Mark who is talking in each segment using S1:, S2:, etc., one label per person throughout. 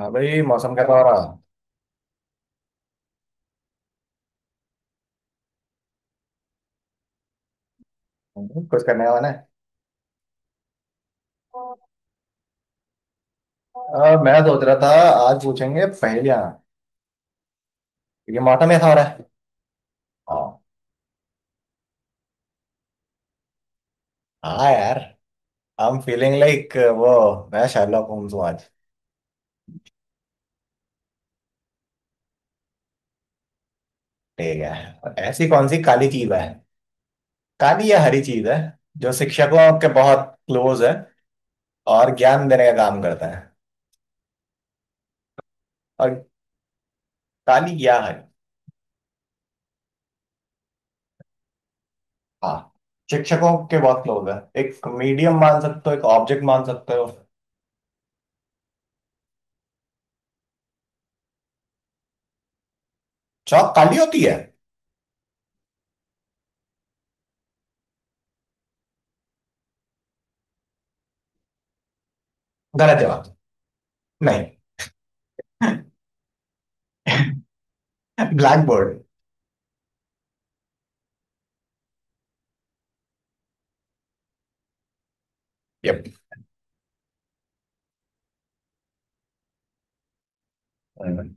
S1: हाँ भाई, मौसम का पा रहा. कुछ करने वाला है. मैं सोच रहा था. आज पूछेंगे पहेलियां. क्योंकि मौसम ऐसा हो रहा है. हाँ. हाँ यार. आई एम फीलिंग लाइक वो. मैं शार्लॉक होम्स हूँ आज. ठीक है, ऐसी कौन सी काली चीज है. काली या हरी चीज है. जो शिक्षकों के बहुत क्लोज है. और ज्ञान देने का काम करता है. और. काली या हरी. हाँ. शिक्षकों के बहुत क्लोज है. एक मीडियम मान सकते हो, एक ऑब्जेक्ट मान सकते हो. चौक काली होती है. गलत जवाब. नहीं. Black board. Yep. Mm.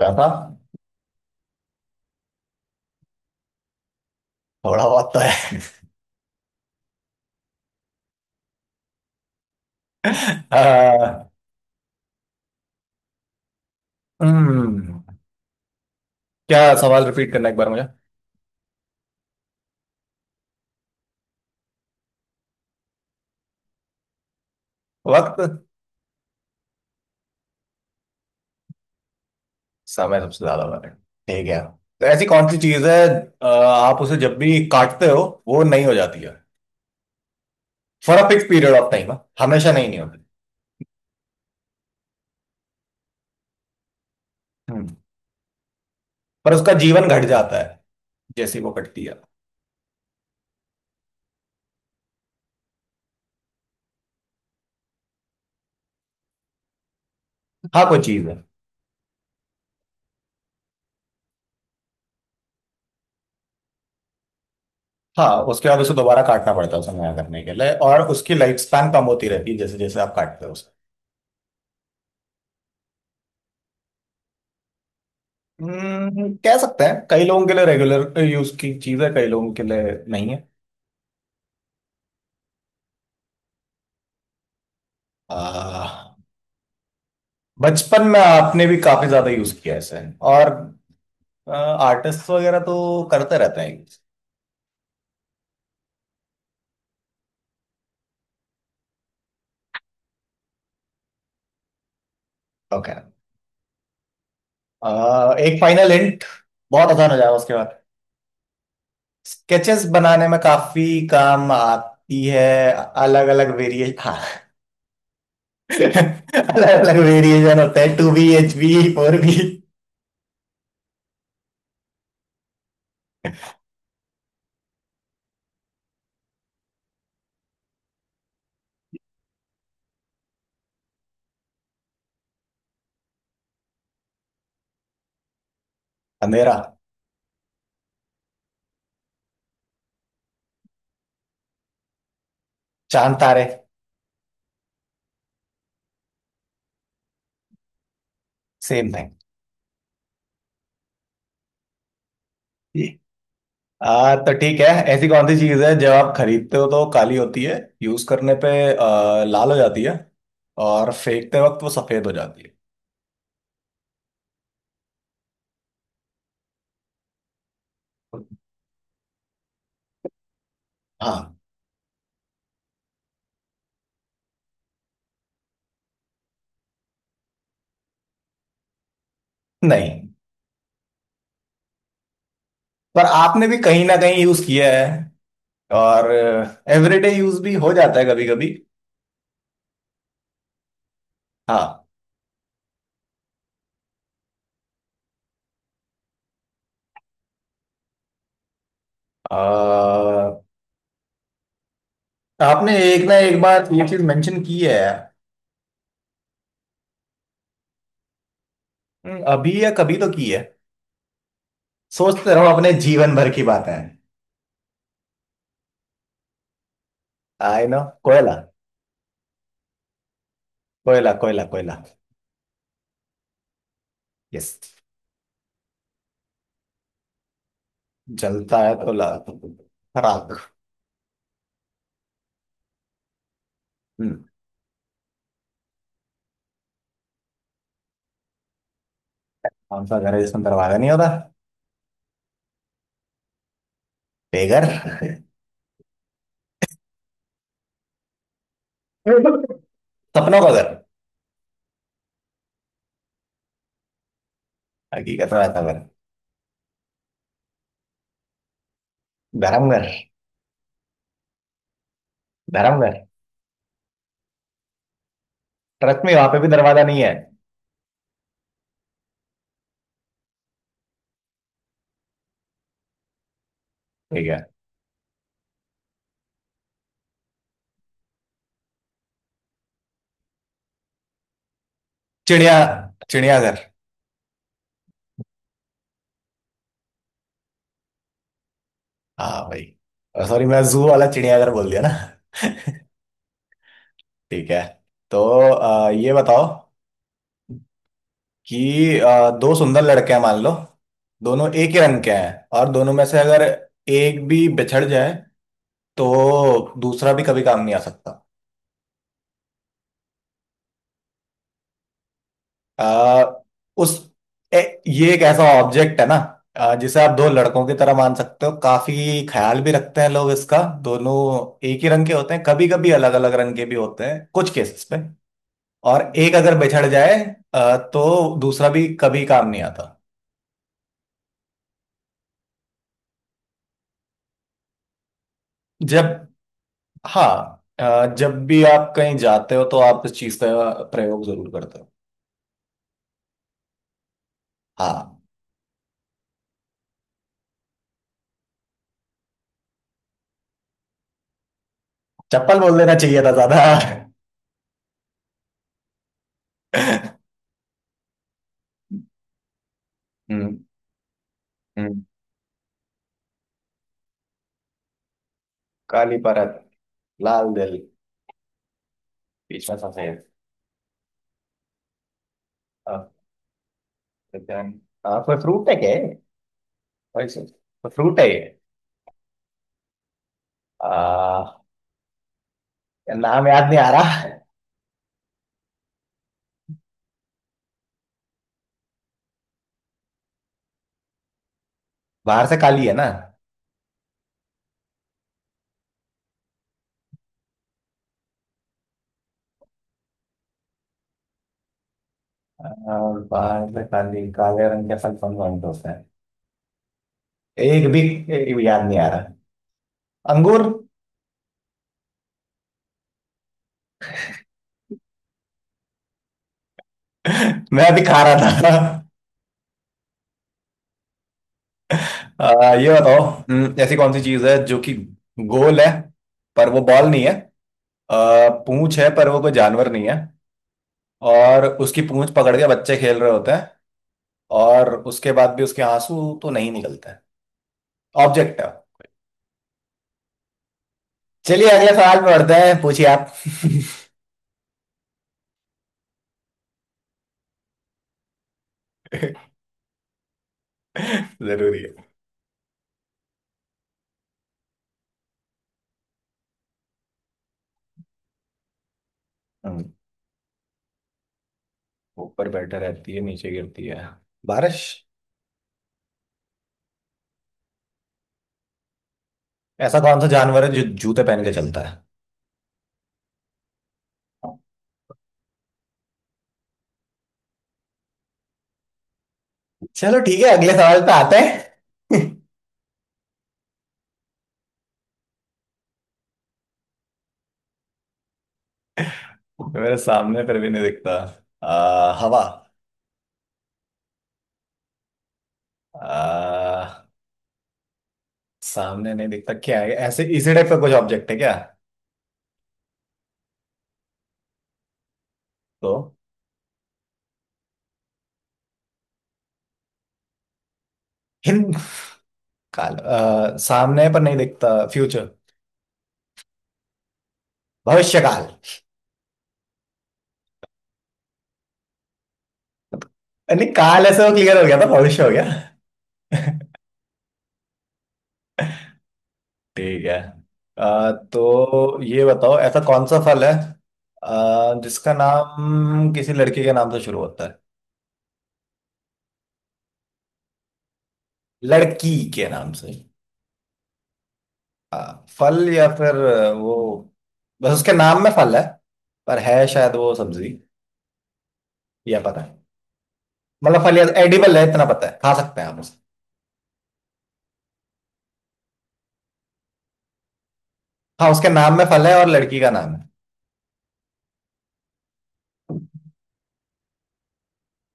S1: था. थोड़ा बहुत तो है. आ, हम्म. क्या सवाल रिपीट करना एक बार मुझे. वक्त. समय सबसे ज्यादा मायने. ठीक है. तो ऐसी कौन सी चीज है. आप उसे जब भी काटते हो वो नहीं हो जाती है. For a fix period of time. हमेशा नहीं नहीं होती. हम्म. पर उसका जीवन घट जाता है जैसे ही वो कटती है. हाँ कोई चीज है. हाँ, उसके बाद उसे दोबारा काटना पड़ता है उसे नया करने के लिए, और उसकी लाइफ स्पैन कम होती रहती है जैसे जैसे आप काटते हो उसे. कह सकते हैं कई लोगों के लिए रेगुलर यूज की चीज है, कई लोगों के लिए. नहीं है. आ, बचपन में आपने भी काफी ज्यादा यूज किया है इसे. और आर्टिस्ट वगैरह तो करते रहते हैं यूज. ओके. एक फाइनल हिंट. बहुत आसान हो जाएगा उसके बाद. स्केचेस बनाने में काफी काम आती है. अलग अलग वेरिएशन, हाँ. अलग अलग वेरिएशन होते हैं. Two B, H B, four B. अंधेरा. चांद तारे. Same thing. तो ठीक है. ऐसी कौन सी चीज है जब आप खरीदते हो तो काली होती है. यूज करने पे लाल हो जाती है. और फेंकते वक्त वो सफेद हो जाती है. हाँ. नहीं. पर आपने भी कहीं ना कहीं यूज किया है. और एवरीडे यूज भी हो जाता है कभी कभी. हाँ. आ, आपने एक ना एक बार ये चीज मेंशन की है. अभी या कभी तो की है. सोचते रहो अपने जीवन भर की बातें. आई नो, कोयला. कोयला, कोयला, कोयला. यस. जलता है तो लाल. राख. हम्म. कौन सा घर है जिसमें दरवाजा नहीं होता. बेघर. सपनों का घर. हकीकत में ऐसा घर. धर्मघर. धर्मघर. ट्रक में, वहां पे भी दरवाजा नहीं है. ठीक है. चिड़िया. चिड़ियाघर. हाँ भाई. सॉरी, मैं जू वाला चिड़ियाघर बोल दिया ना. ठीक है, तो ये बताओ कि दो सुंदर लड़के हैं मान लो. दोनों एक ही रंग के हैं और दोनों में से अगर एक भी बिछड़ जाए तो दूसरा भी कभी काम नहीं आ सकता. आ, उस ये एक ऐसा ऑब्जेक्ट है ना. जिसे आप दो लड़कों की तरह मान सकते हो, काफी ख्याल भी रखते हैं लोग इसका. दोनों एक ही रंग के होते हैं, कभी कभी अलग अलग रंग के भी होते हैं कुछ केसेस पे. और एक अगर बिछड़ जाए तो दूसरा भी कभी काम नहीं आता. जब. हाँ. जब भी आप कहीं जाते हो तो आप इस चीज का प्रयोग जरूर करते हो. हाँ. चप्पल बोल देना चाहिए था ज्यादा. हम्म. हम्म. काली परत. लाल दिल. Geçmez Hasan'ı. Ah, एकदम. कोई फ्रूट है क्या ये? कोई से- कोई फ्रूट है ये. आ, यार नाम याद नहीं आ रहा. बाहर से काली है ना. बाहर से काली, काले रंग के फल कौन कौन से होते हैं. एक भी. एक भी याद नहीं आ रहा. अंगूर. मैं अभी खा रहा था. ये बताओ. ऐसी कौन सी चीज है जो कि गोल है पर वो बॉल नहीं है. पूंछ है पर वो कोई जानवर नहीं है. और उसकी पूंछ पकड़ के बच्चे खेल रहे होते हैं. और उसके बाद भी उसके आंसू तो नहीं निकलता है. ऑब्जेक्ट है. चलिए अगले सवाल पे बढ़ते हैं. पूछिए आप. जरूरी है. हम्म, ऊपर बैठा रहती है, नीचे गिरती है. बारिश. ऐसा कौन सा जानवर है जो जूते पहन के चलता है. चलो ठीक है, अगले सवाल पे आते हैं. मेरे सामने फिर भी नहीं दिखता. हवा. आ, सामने नहीं दिखता क्या है ऐसे. इसी टाइप का कुछ ऑब्जेक्ट है क्या. तो. हिंद. काल, सामने पर नहीं दिखता. फ्यूचर. भविष्य काल. नहीं, काल ऐसे वो क्लियर हो गया था. भविष्य हो गया. ठीक है. तो ये बताओ ऐसा कौन सा फल है जिसका नाम किसी लड़की के नाम से शुरू होता है. लड़की के नाम से. हाँ फल, या फिर वो. बस उसके नाम में फल है पर है शायद वो सब्जी. या पता है. मतलब फल या एडिबल है इतना पता है, खा सकते हैं आप उसे. हाँ, उसके नाम में फल है और लड़की का नाम है.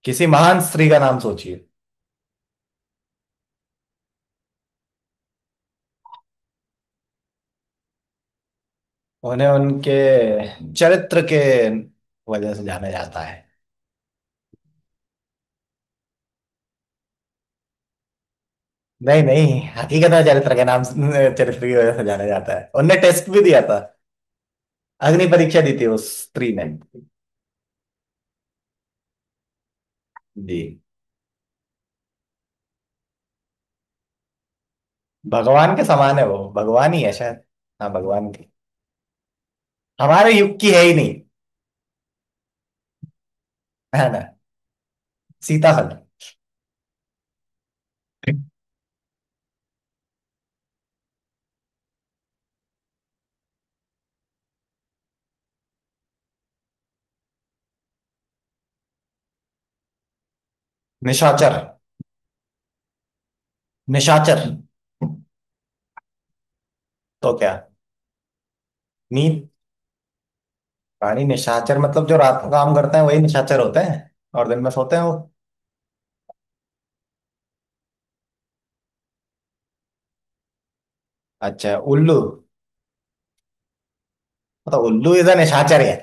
S1: किसी महान स्त्री का नाम सोचिए. उन्हें उनके चरित्र के वजह से जाना जाता है. नहीं नहीं, हकीकत में चरित्र की वजह से जाना जाता है. उनने टेस्ट भी दिया था. अग्नि परीक्षा दी थी उस स्त्री ने. जी. भगवान के समान है, वो भगवान ही है शायद. हाँ भगवान की. हमारे युग की है ही नहीं. है ना. सीताहरण. निशाचर. निशाचर. तो क्या. नीच. प्राणी, निशाचर मतलब जो रात को काम करते हैं वही निशाचर होते हैं. और दिन में सोते हैं वो. अच्छा, उल्लू. मतलब उल्लू इज अ निशाचर है.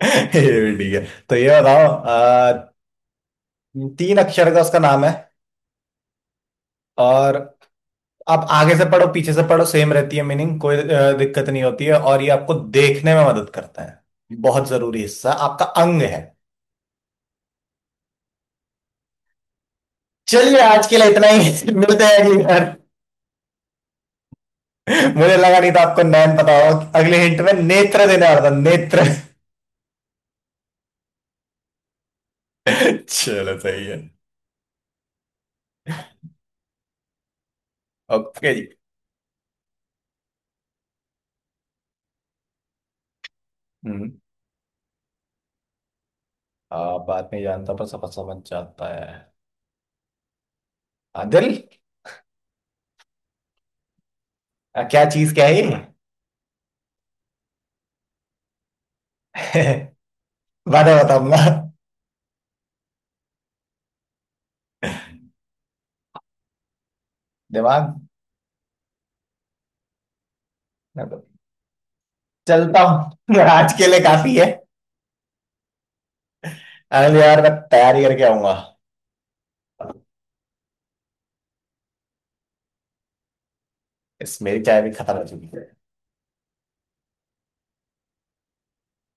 S1: ठीक है, तो ये बताओ. तीन अक्षर का उसका नाम है. और आप आगे से पढ़ो पीछे से पढ़ो, सेम रहती है मीनिंग, कोई दिक्कत नहीं होती है. और ये आपको देखने में मदद करता है. बहुत जरूरी हिस्सा, आपका अंग है. चलिए आज के लिए इतना ही. मिलते हैं अगली बार. मुझे लगा नहीं था आपको नैन पता होगा, अगले हिंट में नेत्र देने वाला था, नेत्र. चलो सही है. ओके जी. हम्म. बात नहीं जानता पर सफर समझ जाता है. दिल. क्या चीज क्या है ये. बाद में बताऊंगा. दिमाग. चलता हूँ, आज के लिए काफी है. अरे यार, मैं तैयारी करके आऊंगा. इस मेरी चाय भी खत्म हो चुकी है.